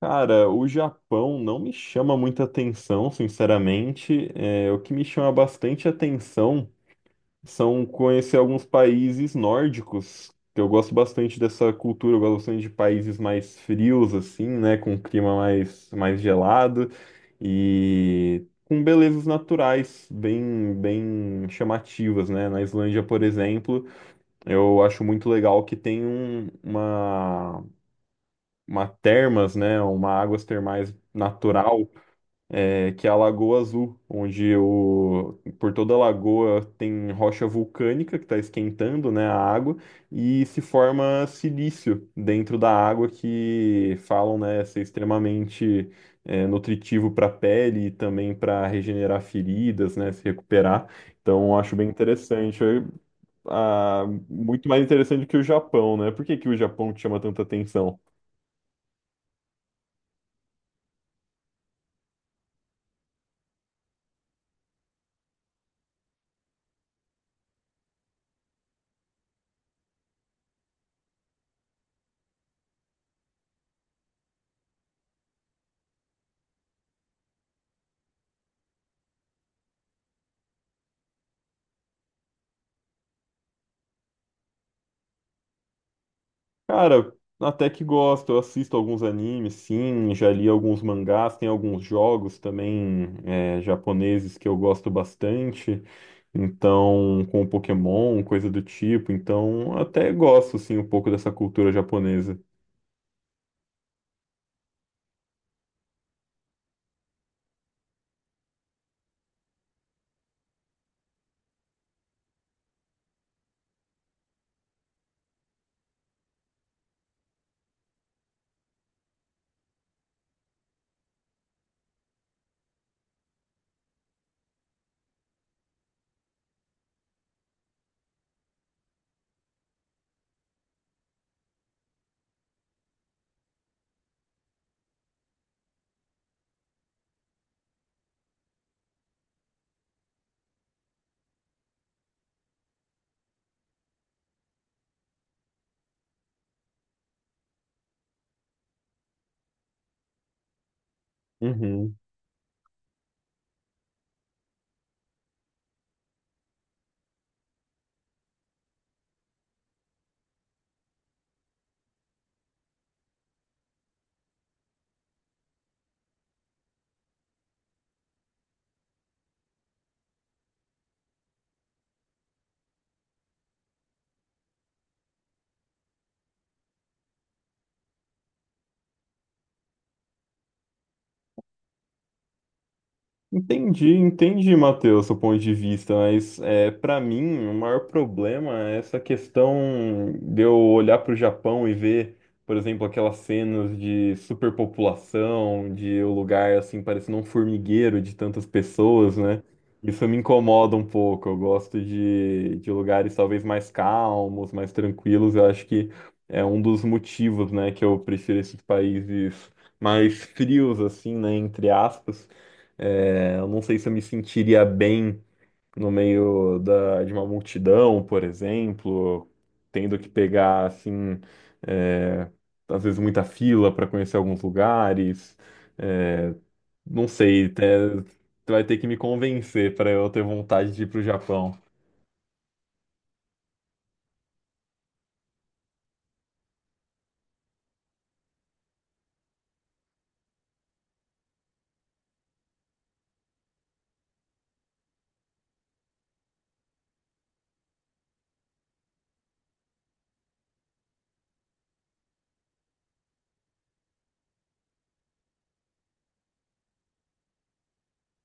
Cara, o Japão não me chama muita atenção, sinceramente. O que me chama bastante atenção são conhecer alguns países nórdicos, que eu gosto bastante dessa cultura, eu gosto bastante de países mais frios, assim, né, com um clima mais gelado e com belezas naturais bem chamativas, né? Na Islândia, por exemplo, eu acho muito legal que tem um, uma termas, né, uma águas termais natural, que é a Lagoa Azul, por toda a lagoa tem rocha vulcânica que está esquentando, né, a água e se forma silício dentro da água que falam, né, ser extremamente nutritivo para a pele e também para regenerar feridas, né, se recuperar. Então, acho bem interessante. Muito mais interessante que o Japão, né? Por que que o Japão te chama tanta atenção? Cara, até que gosto, eu assisto alguns animes, sim, já li alguns mangás, tem alguns jogos também japoneses que eu gosto bastante, então, com Pokémon, coisa do tipo, então até gosto, sim, um pouco dessa cultura japonesa. Uhum. Entendi, entendi, Matheus, seu ponto de vista, mas para mim o maior problema é essa questão de eu olhar para o Japão e ver, por exemplo, aquelas cenas de superpopulação, de o lugar assim parecendo um formigueiro de tantas pessoas, né? Isso me incomoda um pouco. Eu gosto de lugares talvez mais calmos, mais tranquilos. Eu acho que é um dos motivos, né, que eu prefiro esses países mais frios, assim, né, entre aspas. É, eu não sei se eu me sentiria bem no meio de uma multidão, por exemplo, tendo que pegar, assim, é, às vezes muita fila para conhecer alguns lugares. É, não sei, até, tu vai ter que me convencer para eu ter vontade de ir pro Japão.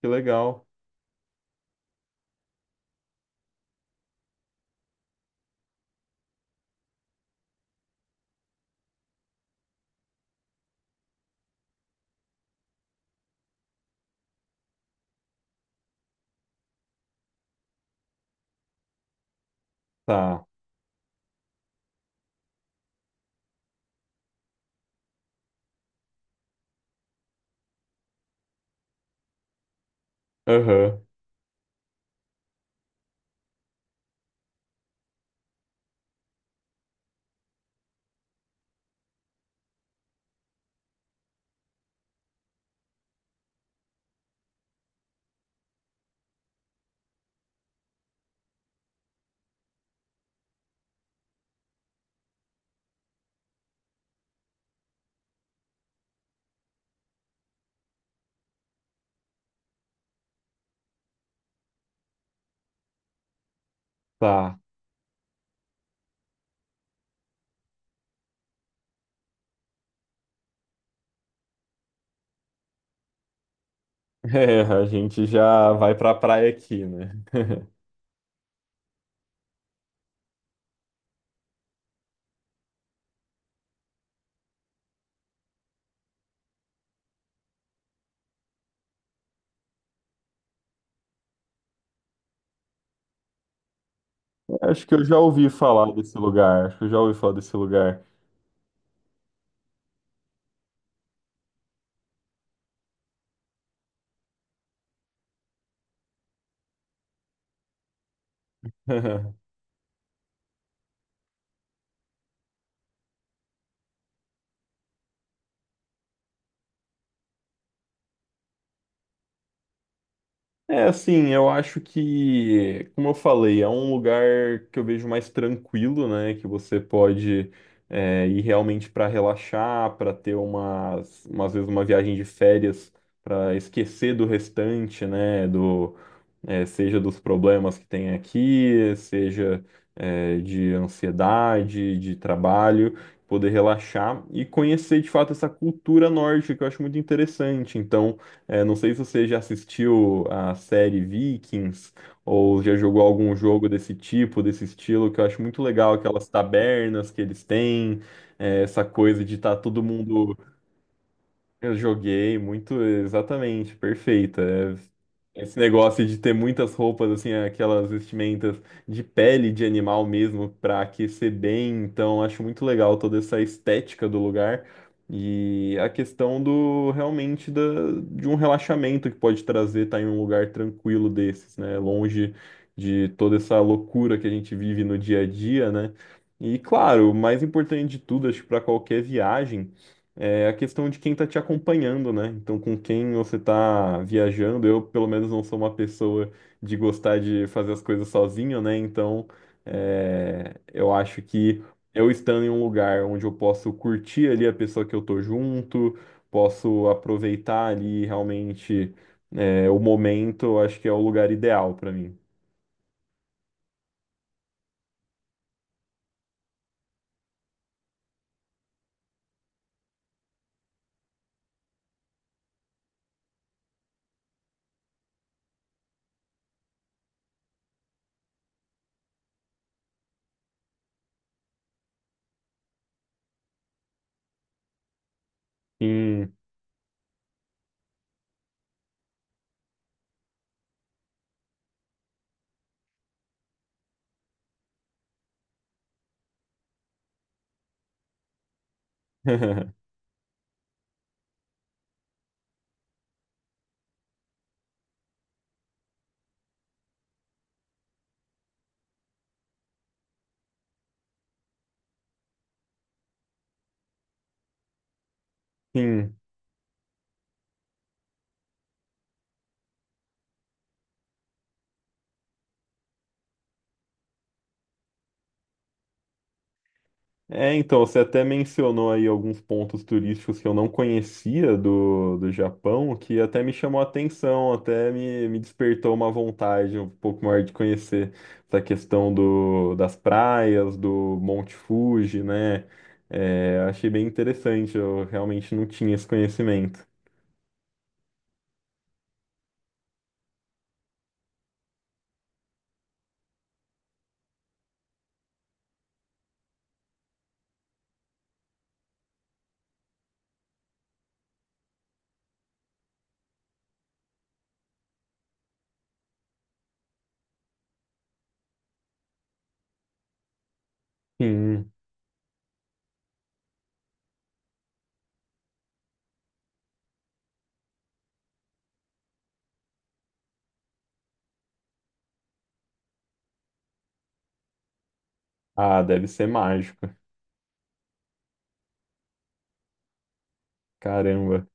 Que legal. Tá. Aham. Tá. É, a gente já vai pra praia aqui, né? Acho que eu já ouvi falar desse lugar. Acho que eu já ouvi falar desse lugar. É assim, eu acho que, como eu falei, é um lugar que eu vejo mais tranquilo, né? Que você pode ir realmente para relaxar, para ter umas vezes uma viagem de férias, para esquecer do restante, né? Seja dos problemas que tem aqui, seja de ansiedade, de trabalho, poder relaxar e conhecer de fato essa cultura nórdica que eu acho muito interessante. Então, não sei se você já assistiu a série Vikings ou já jogou algum jogo desse tipo, desse estilo, que eu acho muito legal, aquelas tabernas que eles têm, essa coisa de estar todo mundo eu joguei muito, exatamente, perfeita. É, esse negócio de ter muitas roupas, assim, aquelas vestimentas de pele de animal mesmo, pra aquecer bem. Então, acho muito legal toda essa estética do lugar e a questão do realmente de um relaxamento que pode trazer estar em um lugar tranquilo desses, né? Longe de toda essa loucura que a gente vive no dia a dia, né? E, claro, o mais importante de tudo, acho que para qualquer viagem é a questão de quem está te acompanhando, né? Então, com quem você está viajando, eu pelo menos não sou uma pessoa de gostar de fazer as coisas sozinho, né? Então, eu acho que eu estando em um lugar onde eu posso curtir ali a pessoa que eu tô junto, posso aproveitar ali realmente o momento, eu acho que é o lugar ideal para mim. Sim. Sim. É, então, você até mencionou aí alguns pontos turísticos que eu não conhecia do Japão, que até me chamou a atenção, até me despertou uma vontade um pouco maior de conhecer essa questão do, das praias, do Monte Fuji, né? É, achei bem interessante, eu realmente não tinha esse conhecimento. Sim. Ah, deve ser mágico. Caramba.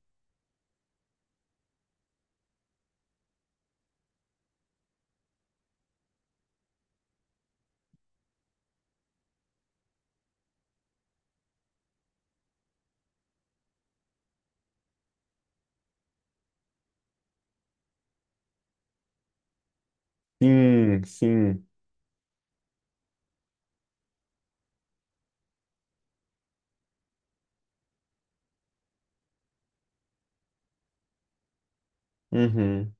Sim, sim. Uhum.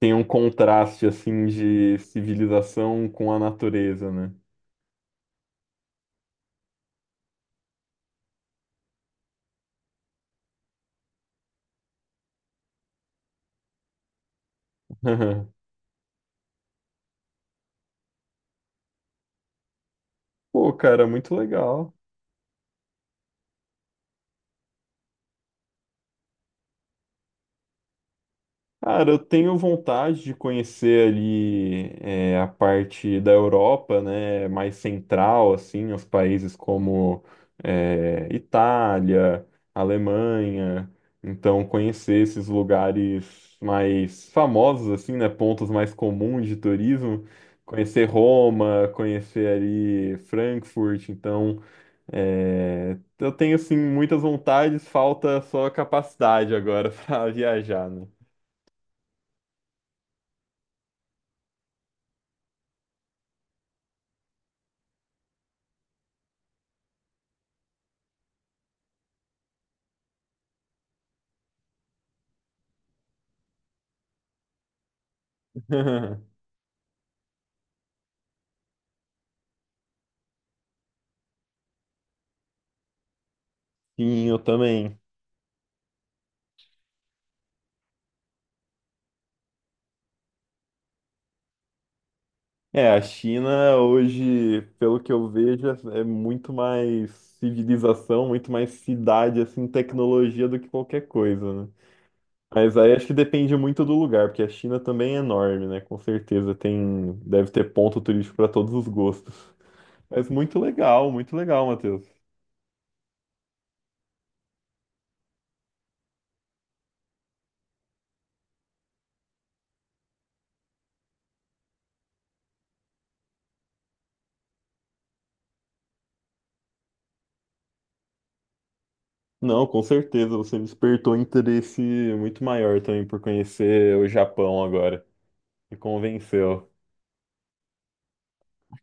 Tem um contraste assim de civilização com a natureza, né? Pô, cara, muito legal. Cara, eu tenho vontade de conhecer ali a parte da Europa, né, mais central, assim, os países como Itália, Alemanha. Então, conhecer esses lugares mais famosos, assim, né, pontos mais comuns de turismo. Conhecer Roma, conhecer ali Frankfurt. Então, é, eu tenho assim muitas vontades, falta só a capacidade agora para viajar, né? Sim, eu também. É, a China hoje, pelo que eu vejo, é muito mais civilização, muito mais cidade, assim, tecnologia do que qualquer coisa, né? Mas aí acho que depende muito do lugar, porque a China também é enorme, né? Com certeza tem, deve ter ponto turístico para todos os gostos. Mas muito legal, Matheus. Não, com certeza, você despertou interesse muito maior também por conhecer o Japão agora. Me convenceu.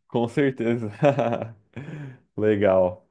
Com certeza. Legal.